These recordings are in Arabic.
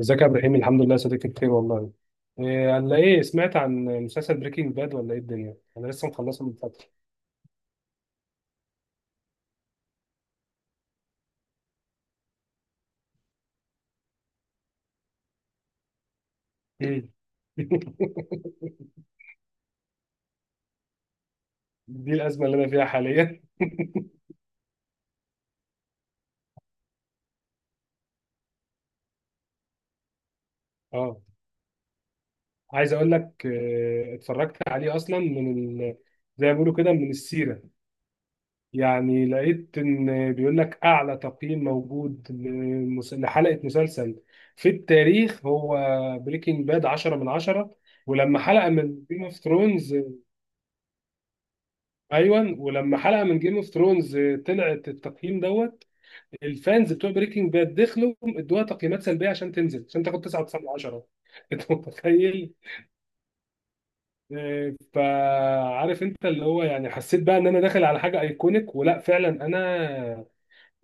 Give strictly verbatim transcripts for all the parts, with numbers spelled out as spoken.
ازيك يا ابراهيم؟ الحمد لله يا صديقي، بخير والله. إيه، على ايه؟ سمعت عن مسلسل بريكنج باد ولا ايه الدنيا؟ انا لسه مخلصه من فتره. مم. دي الازمه اللي انا فيها حاليا. اه. عايز اقول لك، آه، اتفرجت عليه اصلا من ال... زي ما بيقولوا كده، من السيره. يعني لقيت ان بيقول لك اعلى تقييم موجود لمس- لحلقه مسلسل في التاريخ، هو بريكنج باد عشرة من عشرة. ولما حلقه من جيم اوف ثرونز... ايوه، ولما حلقه من جيم اوف ثرونز طلعت التقييم دوت، الفانز بتوع بريكنج باد دخلوا ادوها تقييمات سلبيه عشان تنزل، عشان تاخد تسعه وتسعه من عشرة. انت متخيل؟ آه، فعارف انت، اللي هو يعني حسيت بقى ان انا داخل على حاجه ايكونيك، ولا فعلا انا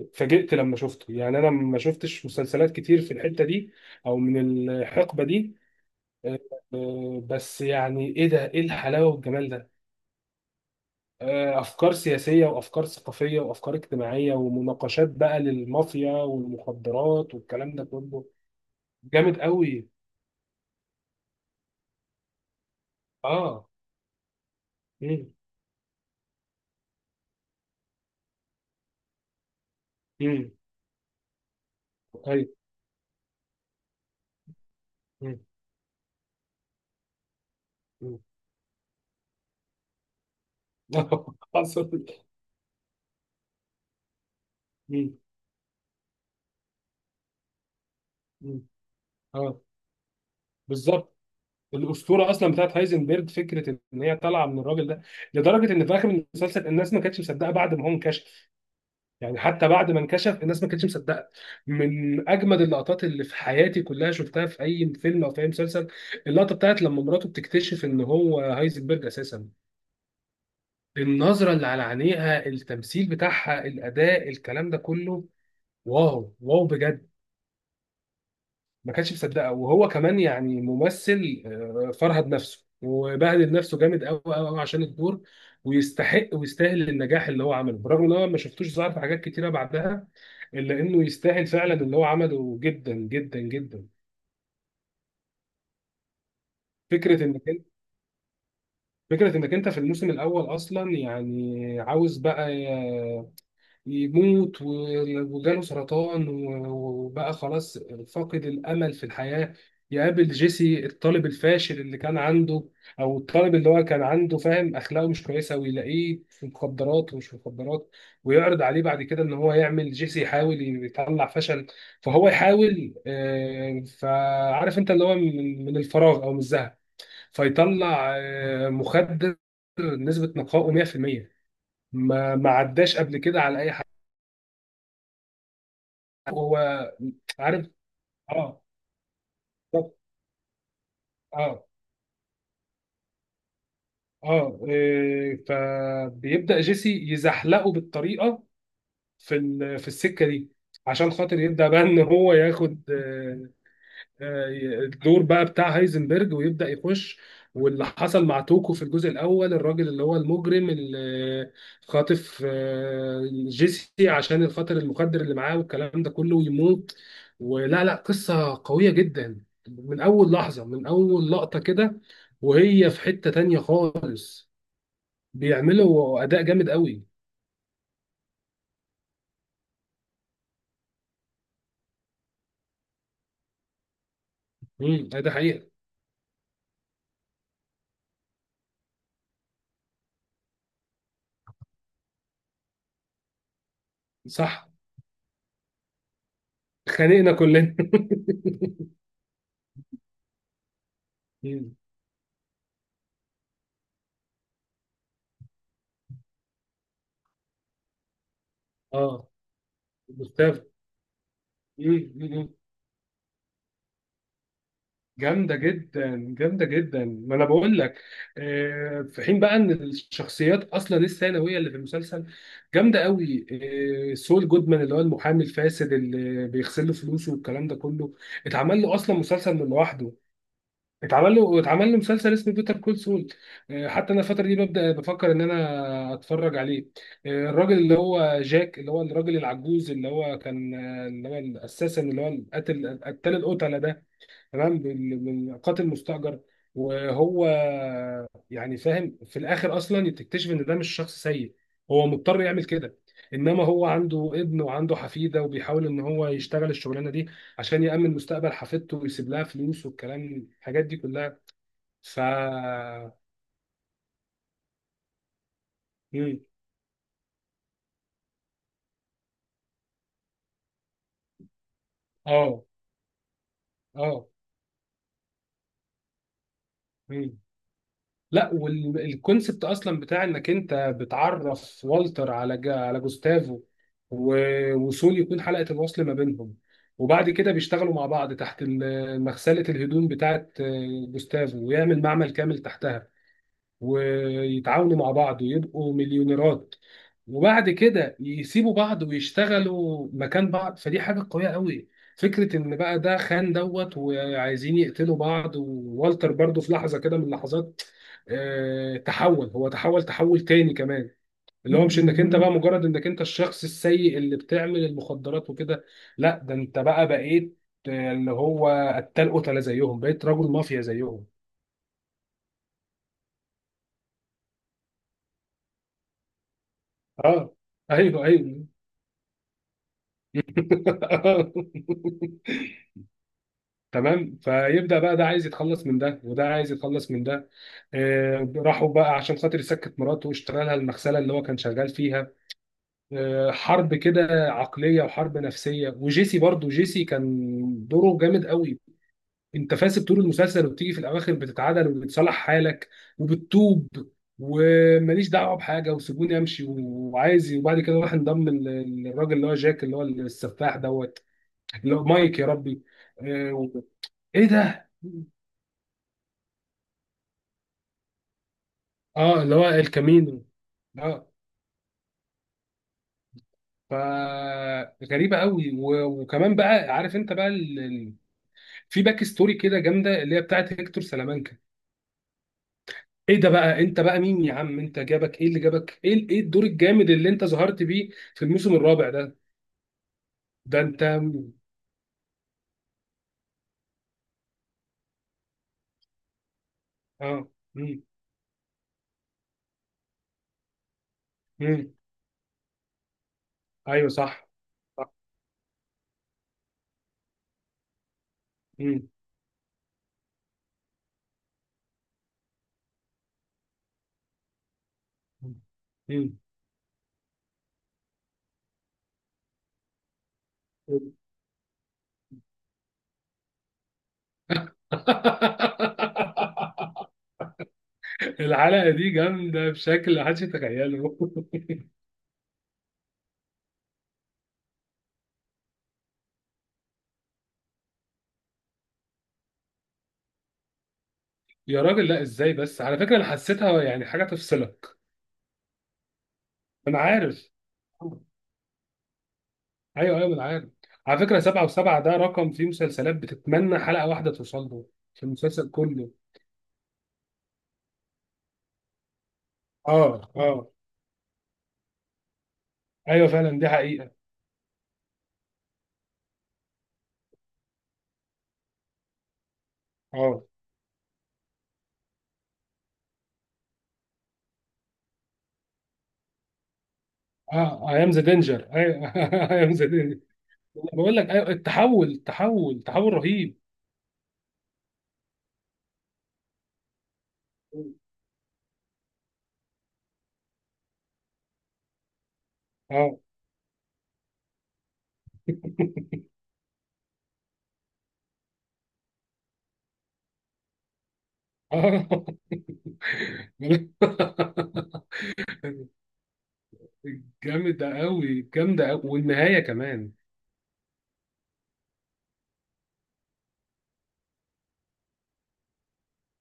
اتفاجئت لما شفته؟ يعني انا ما شفتش مسلسلات كتير في الحته دي او من الحقبه دي. آه، آه، بس يعني ايه ده، ايه الحلاوه والجمال ده؟ آه، افكار سياسيه وافكار ثقافيه وافكار اجتماعيه ومناقشات بقى للمافيا والمخدرات والكلام ده كله جامد قوي. اه. امم. امم. ايوه. مم. مم. حصل. مم. مم. اه. بالظبط. الاسطوره اصلا بتاعت هايزنبرج، فكره ان هي طالعه من الراجل ده، لدرجه ان في اخر المسلسل الناس ما كانتش مصدقه بعد ما هو انكشف. يعني حتى بعد ما انكشف الناس ما كانتش مصدقه. من اجمد اللقطات اللي في حياتي كلها شفتها في اي فيلم او في اي مسلسل، اللقطه بتاعت لما مراته بتكتشف ان هو هايزنبرج اساسا. النظره اللي على عينيها، التمثيل بتاعها، الاداء، الكلام ده كله، واو واو بجد. ما كانش مصدقها. وهو كمان يعني ممثل، آه، فرهد نفسه وبهدل نفسه جامد قوي قوي قوي عشان الدور. ويستحق ويستاهل النجاح اللي هو عمله، برغم ان هو ما شفتوش ظهر في حاجات كتيره بعدها، الا انه يستاهل فعلا اللي هو عمله جدا جدا جدا. فكره انك انت فكره انك انت في الموسم الاول اصلا، يعني عاوز بقى يموت، و- وجاله سرطان، و- وبقى خلاص فاقد الأمل في الحياة. يقابل جيسي، الطالب الفاشل اللي كان عنده، أو الطالب اللي هو كان عنده، فاهم أخلاقه مش كويسة، ويلاقيه في مخدرات ومش في مخدرات. ويعرض عليه بعد كده إن هو يعمل، جيسي يحاول يطلع فشل. فهو يحاول، آه، فعارف أنت، اللي هو من من الفراغ أو من الزهق، فيطلع آه، مخدر نسبة نقائه مية في المية. ما ما عداش قبل كده على أي. هو عارف. اه. بالظبط. اه. اه. إيه، فبيبدأ جيسي يزحلقه بالطريقة، في ال- في السكة دي، عشان خاطر يبدأ بقى ان هو ياخد آه، الدور بقى بتاع هايزنبرج ويبدأ يخش. واللي حصل مع توكو في الجزء الأول، الراجل اللي هو المجرم اللي خاطف آه، جيسي عشان الخاطر المخدر اللي معاه والكلام ده كله، ويموت. ولا لا، قصة قوية جدا من أول لحظة، من أول لقطة كده، وهي في حتة تانية خالص. بيعملوا أداء جامد قوي. امم، ده حقيقة. صح. خانقنا كلنا. مم. اه. مستفز. جامدة جدا جامدة جدا، ما انا بقول لك. آه، في حين بقى ان الشخصيات اصلا الثانوية اللي في المسلسل جامدة قوي. آه، سول جودمان، اللي هو المحامي الفاسد اللي بيغسل له فلوسه والكلام ده كله، اتعمل له اصلا مسلسل من لوحده. اتعمل له اتعمل له مسلسل اسمه بيتر كول سول. آه، حتى انا الفترة دي ببدأ بفكر ان انا اتفرج عليه. آه، الراجل اللي هو جاك، اللي هو الراجل العجوز اللي هو كان، آه، اللي هو الاساسا اللي هو القاتل، قتال القتلة ده. تمام، بال- بالقاتل مستأجر. وهو يعني فاهم، في الاخر اصلا تكتشف ان ده مش شخص سيء، هو مضطر يعمل كده. انما هو عنده ابن وعنده حفيده، وبيحاول ان هو يشتغل الشغلانه دي عشان يأمن مستقبل حفيدته ويسيب لها فلوس والكلام الحاجات دي كلها. ف مم. اه. اه. مم. لا، والكونسبت اصلا بتاع انك انت بتعرف والتر على جا على جوستافو، و- وسول يكون حلقه الوصل ما بينهم، وبعد كده بيشتغلوا مع بعض تحت ال- مغسله الهدوم بتاعت آه، جوستافو، ويعمل معمل كامل تحتها، ويتعاونوا مع بعض ويبقوا مليونيرات، وبعد كده يسيبوا بعض ويشتغلوا مكان بعض. فدي حاجة قوية قوي. فكرة ان بقى ده خان دوت وعايزين يقتلوا بعض. ووالتر برضو في لحظة كده من لحظات، آه، تحول هو تحول تحول تاني كمان، اللي هو مش انك انت بقى مجرد انك انت الشخص السيء اللي بتعمل المخدرات وكده، لا ده انت بقى بقيت، آه، اللي هو قتال قتلة زيهم، بقيت رجل مافيا زيهم. اه. ايوه ايوه. تمام، فيبدأ بقى ده عايز يتخلص من ده وده عايز يتخلص من ده. آه، راحوا بقى عشان خاطر يسكت مراته واشترى لها المغسلة اللي هو كان شغال فيها. آه، حرب كده عقلية وحرب نفسية. وجيسي برضو، جيسي كان دوره جامد قوي. انت فاسد طول المسلسل، وبتيجي في الاواخر بتتعدل وبتصلح حالك وبتتوب وماليش دعوه بحاجه وسيبوني امشي وعايز. وبعد كده راح انضم لل- للراجل اللي هو جاك، اللي هو السفاح دوت. لو مايك، يا ربي. آه، و- ايه ده؟ اه، اللي هو الكامينو. اه. فغريبه قوي، و- وكمان بقى، عارف انت بقى ال... ال- في باك ستوري كده جامده، اللي هي بتاعت هيكتور سلامانكا. ايه ده بقى، انت بقى مين يا عم؟ انت جابك ايه؟ اللي جابك ايه ال- ايه الدور الجامد اللي انت ظهرت بيه في الموسم الرابع ده؟ ده انت. اه. مم. مم. ايوه صح. صح. مم. مم. مم. الحلقة دي جامدة بشكل محدش يتخيله. يا راجل، لا ازاي بس؟ على فكرة انا حسيتها يعني حاجة تفصلك. انا عارف. ايوه ايوه انا عارف. على فكرة سبعة وسبعة ده رقم في مسلسلات بتتمنى حلقة واحدة توصل له. في المسلسل كله. اه. اه. ايوه فعلا، دي حقيقة. اه. اه. ايام ذا دينجر، ايوه. ايام ذا دينجر. بقول لك ايوه، التحول، التحول، تحول رهيب. اه. اه. جامدة أوي جامدة أوي، والنهاية كمان.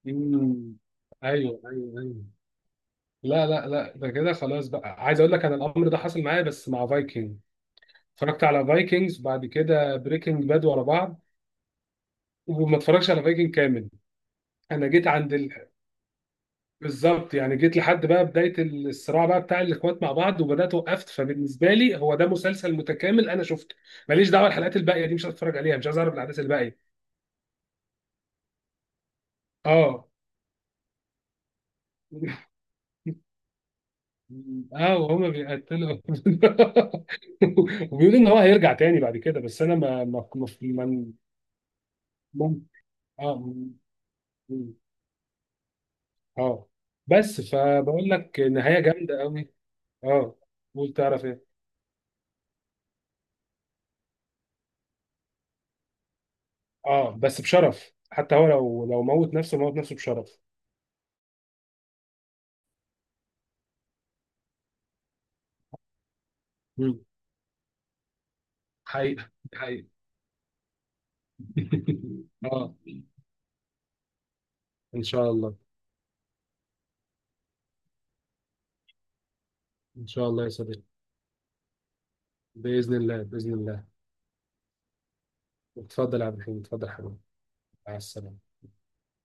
مم. أيوه أيوه أيوه. لا لا لا، ده كده خلاص، بقى عايز أقول لك أنا الأمر ده حصل معايا بس مع فايكنج. اتفرجت على فايكنجز بعد كده بريكنج باد ورا بعض، وما اتفرجش على فايكنج كامل. أنا جيت عند ال... بالظبط، يعني جيت لحد بقى بداية الصراع بقى بتاع الإخوات مع بعض، وبدأت وقفت. فبالنسبة لي هو ده مسلسل متكامل، أنا شفته، ماليش دعوة الحلقات الباقية دي مش هتفرج عليها، مش عايز أعرف الأحداث الباقية. أه. اه، وهما بيقتلوا وبيقولوا ان هو هيرجع تاني بعد كده، بس انا ما ما ما ما- ما- اه. م- اه. بس فبقول لك نهايه جامده قوي. اه. قول، تعرف ايه. اه، بس بشرف. حتى هو لو لو موت نفسه، موت نفسه بشرف. مم. حقيقه حقيقه. اه. ان شاء الله. ان شاء الله يا صديقي. باذن الله، باذن الله. اتفضل يا عبد الحميد، اتفضل يا حبيبي. مع السلامه.